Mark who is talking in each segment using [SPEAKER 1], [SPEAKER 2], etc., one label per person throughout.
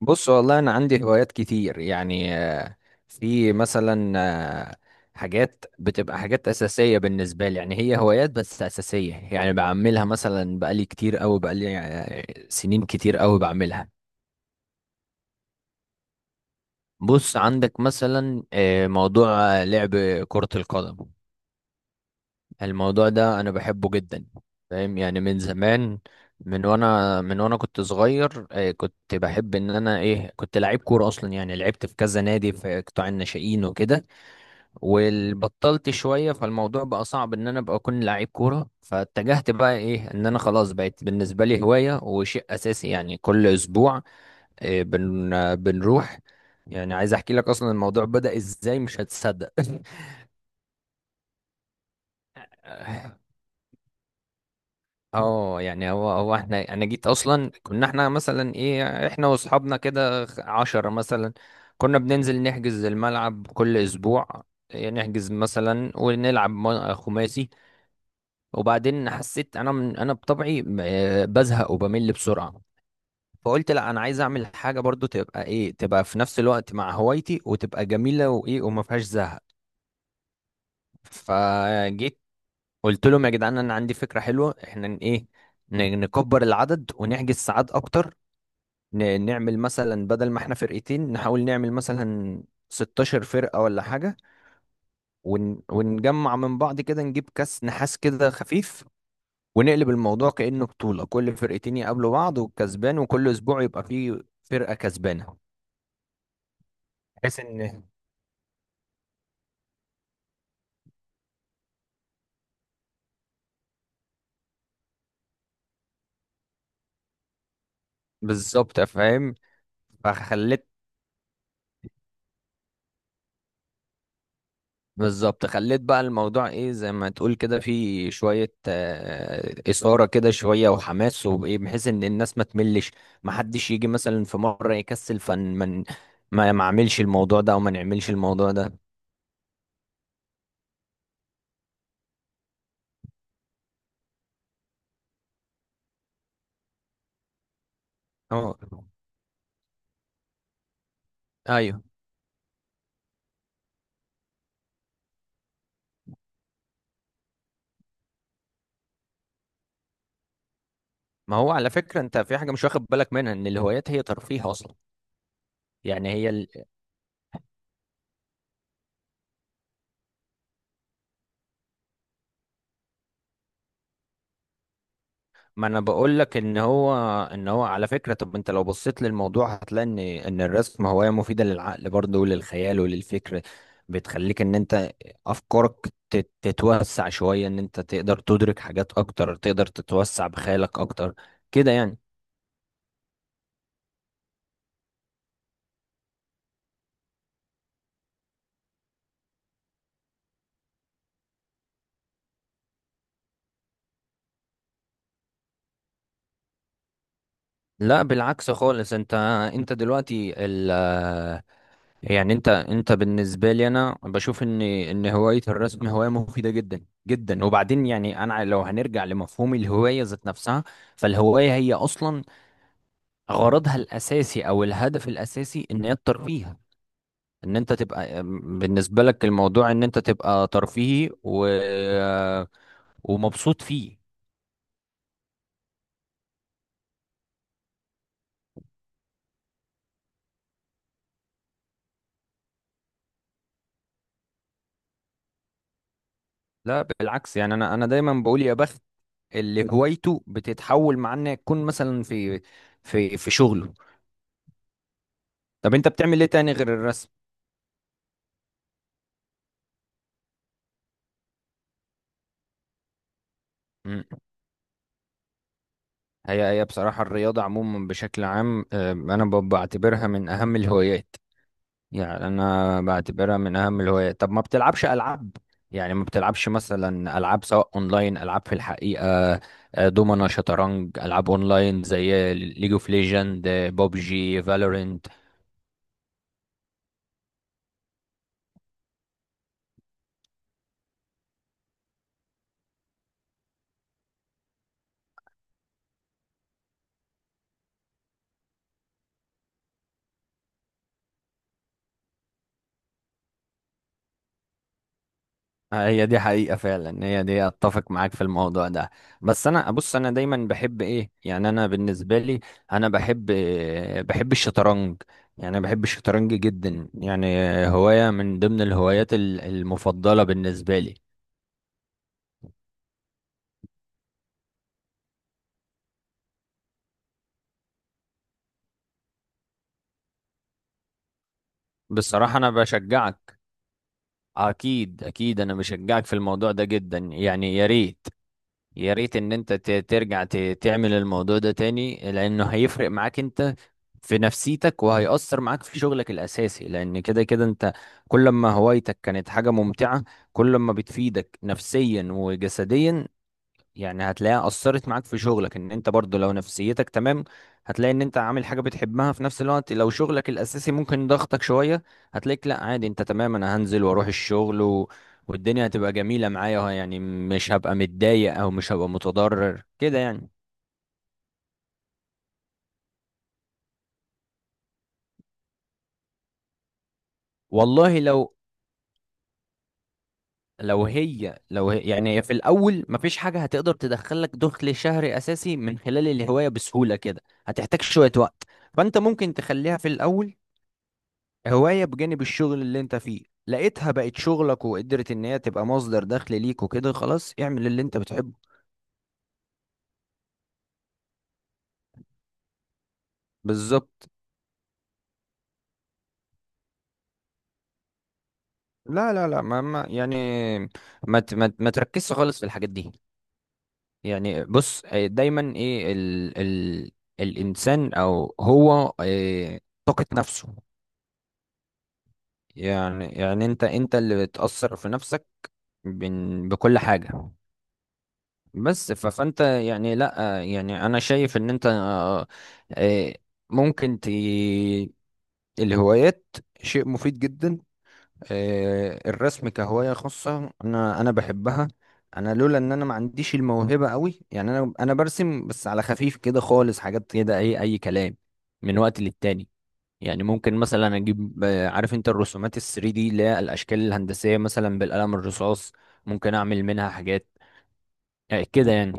[SPEAKER 1] بص، والله انا عندي هوايات كتير يعني في مثلا آه، حاجات بتبقى حاجات اساسيه بالنسبه لي، يعني هي هوايات بس اساسيه، يعني بعملها مثلا بقالي كتير قوي، بقالي سنين كتير قوي بعملها. بص عندك مثلا موضوع لعب كره القدم. الموضوع ده انا بحبه جدا، فاهم؟ يعني من زمان، من وانا كنت صغير، كنت بحب ان انا كنت لعيب كوره اصلا، يعني لعبت في كذا نادي في قطاع الناشئين وكده، وبطلت شويه، فالموضوع بقى صعب ان انا ابقى اكون لعيب كوره، فاتجهت بقى ان انا خلاص بقت بالنسبه لي هوايه وشيء اساسي، يعني كل اسبوع آه، بن آه، بنروح. يعني عايز احكي لك اصلا الموضوع بدأ ازاي، مش هتصدق. اه، يعني هو احنا انا جيت اصلا، كنا احنا مثلا احنا واصحابنا كده، عشرة مثلا، كنا بننزل نحجز الملعب كل اسبوع. نحجز مثلا ونلعب خماسي. وبعدين حسيت انا من انا بطبعي بزهق وبمل بسرعة، فقلت لا، انا عايز اعمل حاجة برضو تبقى في نفس الوقت مع هوايتي، وتبقى جميلة وايه، وما فيهاش زهق. فجيت قلت لهم: يا جدعان، انا عندي فكرة حلوة، احنا نكبر العدد ونحجز ساعات اكتر، نعمل مثلا بدل ما احنا فرقتين نحاول نعمل مثلا 16 فرقة ولا حاجة، ونجمع من بعض كده، نجيب كاس نحاس كده خفيف، ونقلب الموضوع كأنه بطولة، كل فرقتين يقابلوا بعض والكسبان، وكل أسبوع يبقى فيه فرقة كسبانة، بحيث إن... بالظبط، فاهم. فخلت بالظبط، خليت بقى الموضوع زي ما تقول كده في شوية إثارة كده، شوية وحماس وايه، بحيث ان الناس ما تملش، ما حدش يجي مثلا في مرة يكسل، فن من ما اعملش الموضوع ده او ما نعملش الموضوع ده. اه، ايوه، ما هو على فكرة انت في حاجة مش واخد بالك منها، ان الهوايات هي ترفيه اصلا، يعني هي... ما انا بقول لك ان هو على فكره، طب انت لو بصيت للموضوع هتلاقي ان الرسم هوايه مفيده للعقل برضه، وللخيال وللفكر، بتخليك ان انت افكارك تتوسع شويه، ان انت تقدر تدرك حاجات اكتر، تقدر تتوسع بخيالك اكتر، كده يعني. لا، بالعكس خالص، انت دلوقتي، يعني انت بالنسبه لي انا بشوف ان هوايه الرسم هوايه مفيده جدا جدا. وبعدين يعني انا لو هنرجع لمفهوم الهوايه ذات نفسها، فالهوايه هي اصلا غرضها الاساسي او الهدف الاساسي ان هي الترفيه، ان انت تبقى بالنسبه لك الموضوع ان انت تبقى ترفيهي ومبسوط فيه. لا بالعكس، يعني انا دايما بقول يا بخت اللي هوايته بتتحول مع انها تكون مثلا في شغله. طب انت بتعمل ايه تاني غير الرسم؟ هي بصراحة الرياضة عموما بشكل عام، أنا بعتبرها من أهم الهوايات، يعني أنا بعتبرها من أهم الهوايات. طب ما بتلعبش ألعاب؟ يعني ما بتلعبش مثلا ألعاب سواء أونلاين، ألعاب في الحقيقة، دومنا، شطرنج، ألعاب أونلاين زي ليج اوف ليجند، بوبجي، فالورنت. هي دي حقيقة فعلا، هي دي اتفق معاك في الموضوع ده. بس انا بص، انا دايما بحب يعني انا بالنسبة لي، انا بحب الشطرنج، يعني أنا بحب الشطرنج جدا يعني، هواية من ضمن الهوايات المفضلة بالنسبة لي. بصراحة انا بشجعك، اكيد اكيد، انا بشجعك في الموضوع ده جدا، يعني يا ريت يا ريت ان انت ترجع تعمل الموضوع ده تاني، لانه هيفرق معاك انت في نفسيتك، وهيأثر معاك في شغلك الاساسي، لان كده كده انت كل ما هوايتك كانت حاجة ممتعة، كل ما بتفيدك نفسيا وجسديا. يعني هتلاقيها أثرت معاك في شغلك، إن أنت برضو لو نفسيتك تمام، هتلاقي إن أنت عامل حاجة بتحبها في نفس الوقت. لو شغلك الأساسي ممكن ضغطك شوية، هتلاقيك لأ، عادي، أنت تمام، أنا هنزل وأروح الشغل، والدنيا هتبقى جميلة معايا، يعني مش هبقى متضايق أو مش هبقى متضرر كده، يعني. والله لو هي يعني هي في الأول مفيش حاجة هتقدر تدخلك دخل شهري أساسي من خلال الهواية بسهولة كده، هتحتاج شوية وقت. فأنت ممكن تخليها في الأول هواية بجانب الشغل اللي انت فيه، لقيتها بقت شغلك وقدرت ان هي تبقى مصدر دخل ليك وكده، خلاص اعمل اللي انت بتحبه. بالظبط. لا لا لا، ما يعني ما تركزش خالص في الحاجات دي. يعني بص، دايما ال الانسان او هو، طاقة نفسه، يعني انت اللي بتأثر في نفسك بكل حاجة. بس فانت يعني لا، يعني انا شايف ان انت آه، ممكن الهوايات شيء مفيد جدا. الرسم كهواية خاصة انا بحبها. انا لولا ان انا ما عنديش الموهبة قوي، يعني انا برسم بس على خفيف كده خالص، حاجات كده اي كلام من وقت للتاني. يعني ممكن مثلا اجيب عارف انت الرسومات ال 3 دي، اللي هي الاشكال الهندسية مثلا بالقلم الرصاص، ممكن اعمل منها حاجات كده يعني.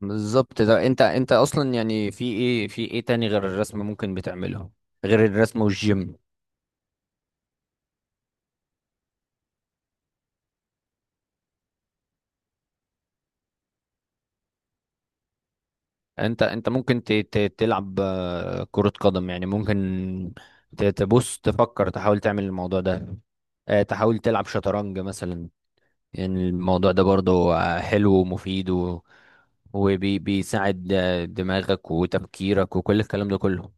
[SPEAKER 1] بالظبط. ده انت اصلا، يعني في ايه تاني غير الرسم ممكن بتعمله، غير الرسم والجيم؟ انت ممكن تلعب كرة قدم يعني، ممكن تبص تفكر تحاول تعمل الموضوع ده، تحاول تلعب شطرنج مثلا، يعني الموضوع ده برضو حلو ومفيد وبيساعد دماغك وتفكيرك وكل الكلام ده كله.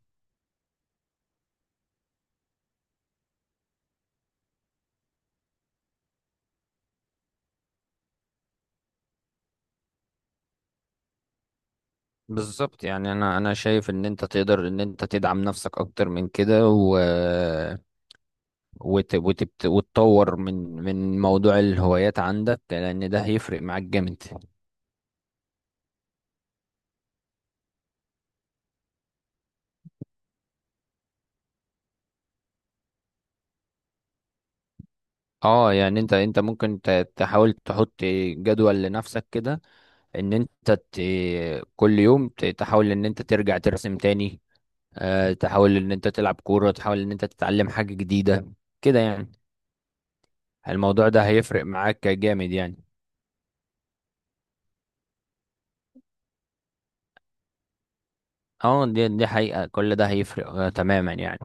[SPEAKER 1] بالظبط، يعني انا شايف ان انت تقدر ان انت تدعم نفسك اكتر من كده، وتطور من موضوع الهوايات عندك، لان ده هيفرق معاك جامد. اه، يعني انت ممكن تحاول تحط جدول لنفسك كده، ان انت كل يوم تحاول ان انت ترجع ترسم تاني، تحاول ان انت تلعب كورة، تحاول ان انت تتعلم حاجة جديدة كده يعني، الموضوع ده هيفرق معاك جامد يعني. اه، دي حقيقة، كل ده هيفرق تماما، يعني.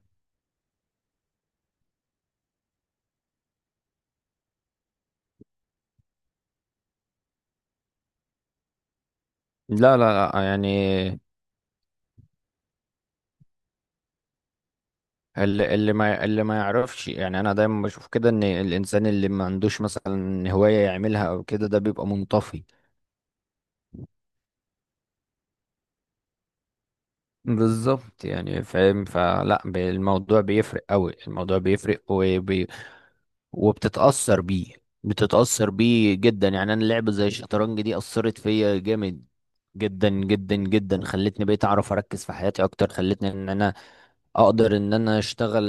[SPEAKER 1] لا لا لا يعني، اللي ما يعرفش، يعني انا دايما بشوف كده ان الانسان اللي ما عندوش مثلا هواية يعملها او كده، ده بيبقى منطفي. بالظبط، يعني فاهم، فلا الموضوع بيفرق قوي، الموضوع بيفرق وبتتأثر بيه، بتتأثر بيه جدا، يعني انا لعبة زي الشطرنج دي أثرت فيا جامد جدا جدا جدا، خلتني بقيت اعرف اركز في حياتي اكتر، خلتني ان انا اقدر ان انا اشتغل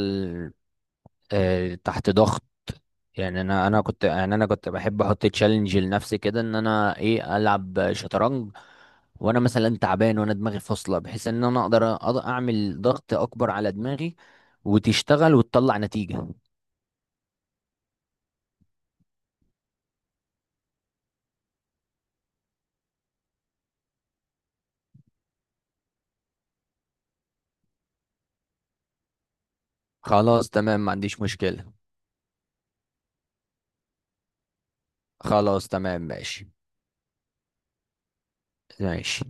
[SPEAKER 1] تحت ضغط. يعني انا كنت بحب احط تشالنج لنفسي كده، ان انا العب شطرنج وانا مثلا تعبان وانا دماغي فاصله، بحيث ان انا أقدر اعمل ضغط اكبر على دماغي وتشتغل وتطلع نتيجه. خلاص تمام، ما عنديش مشكله. خلاص تمام، ماشي ماشي.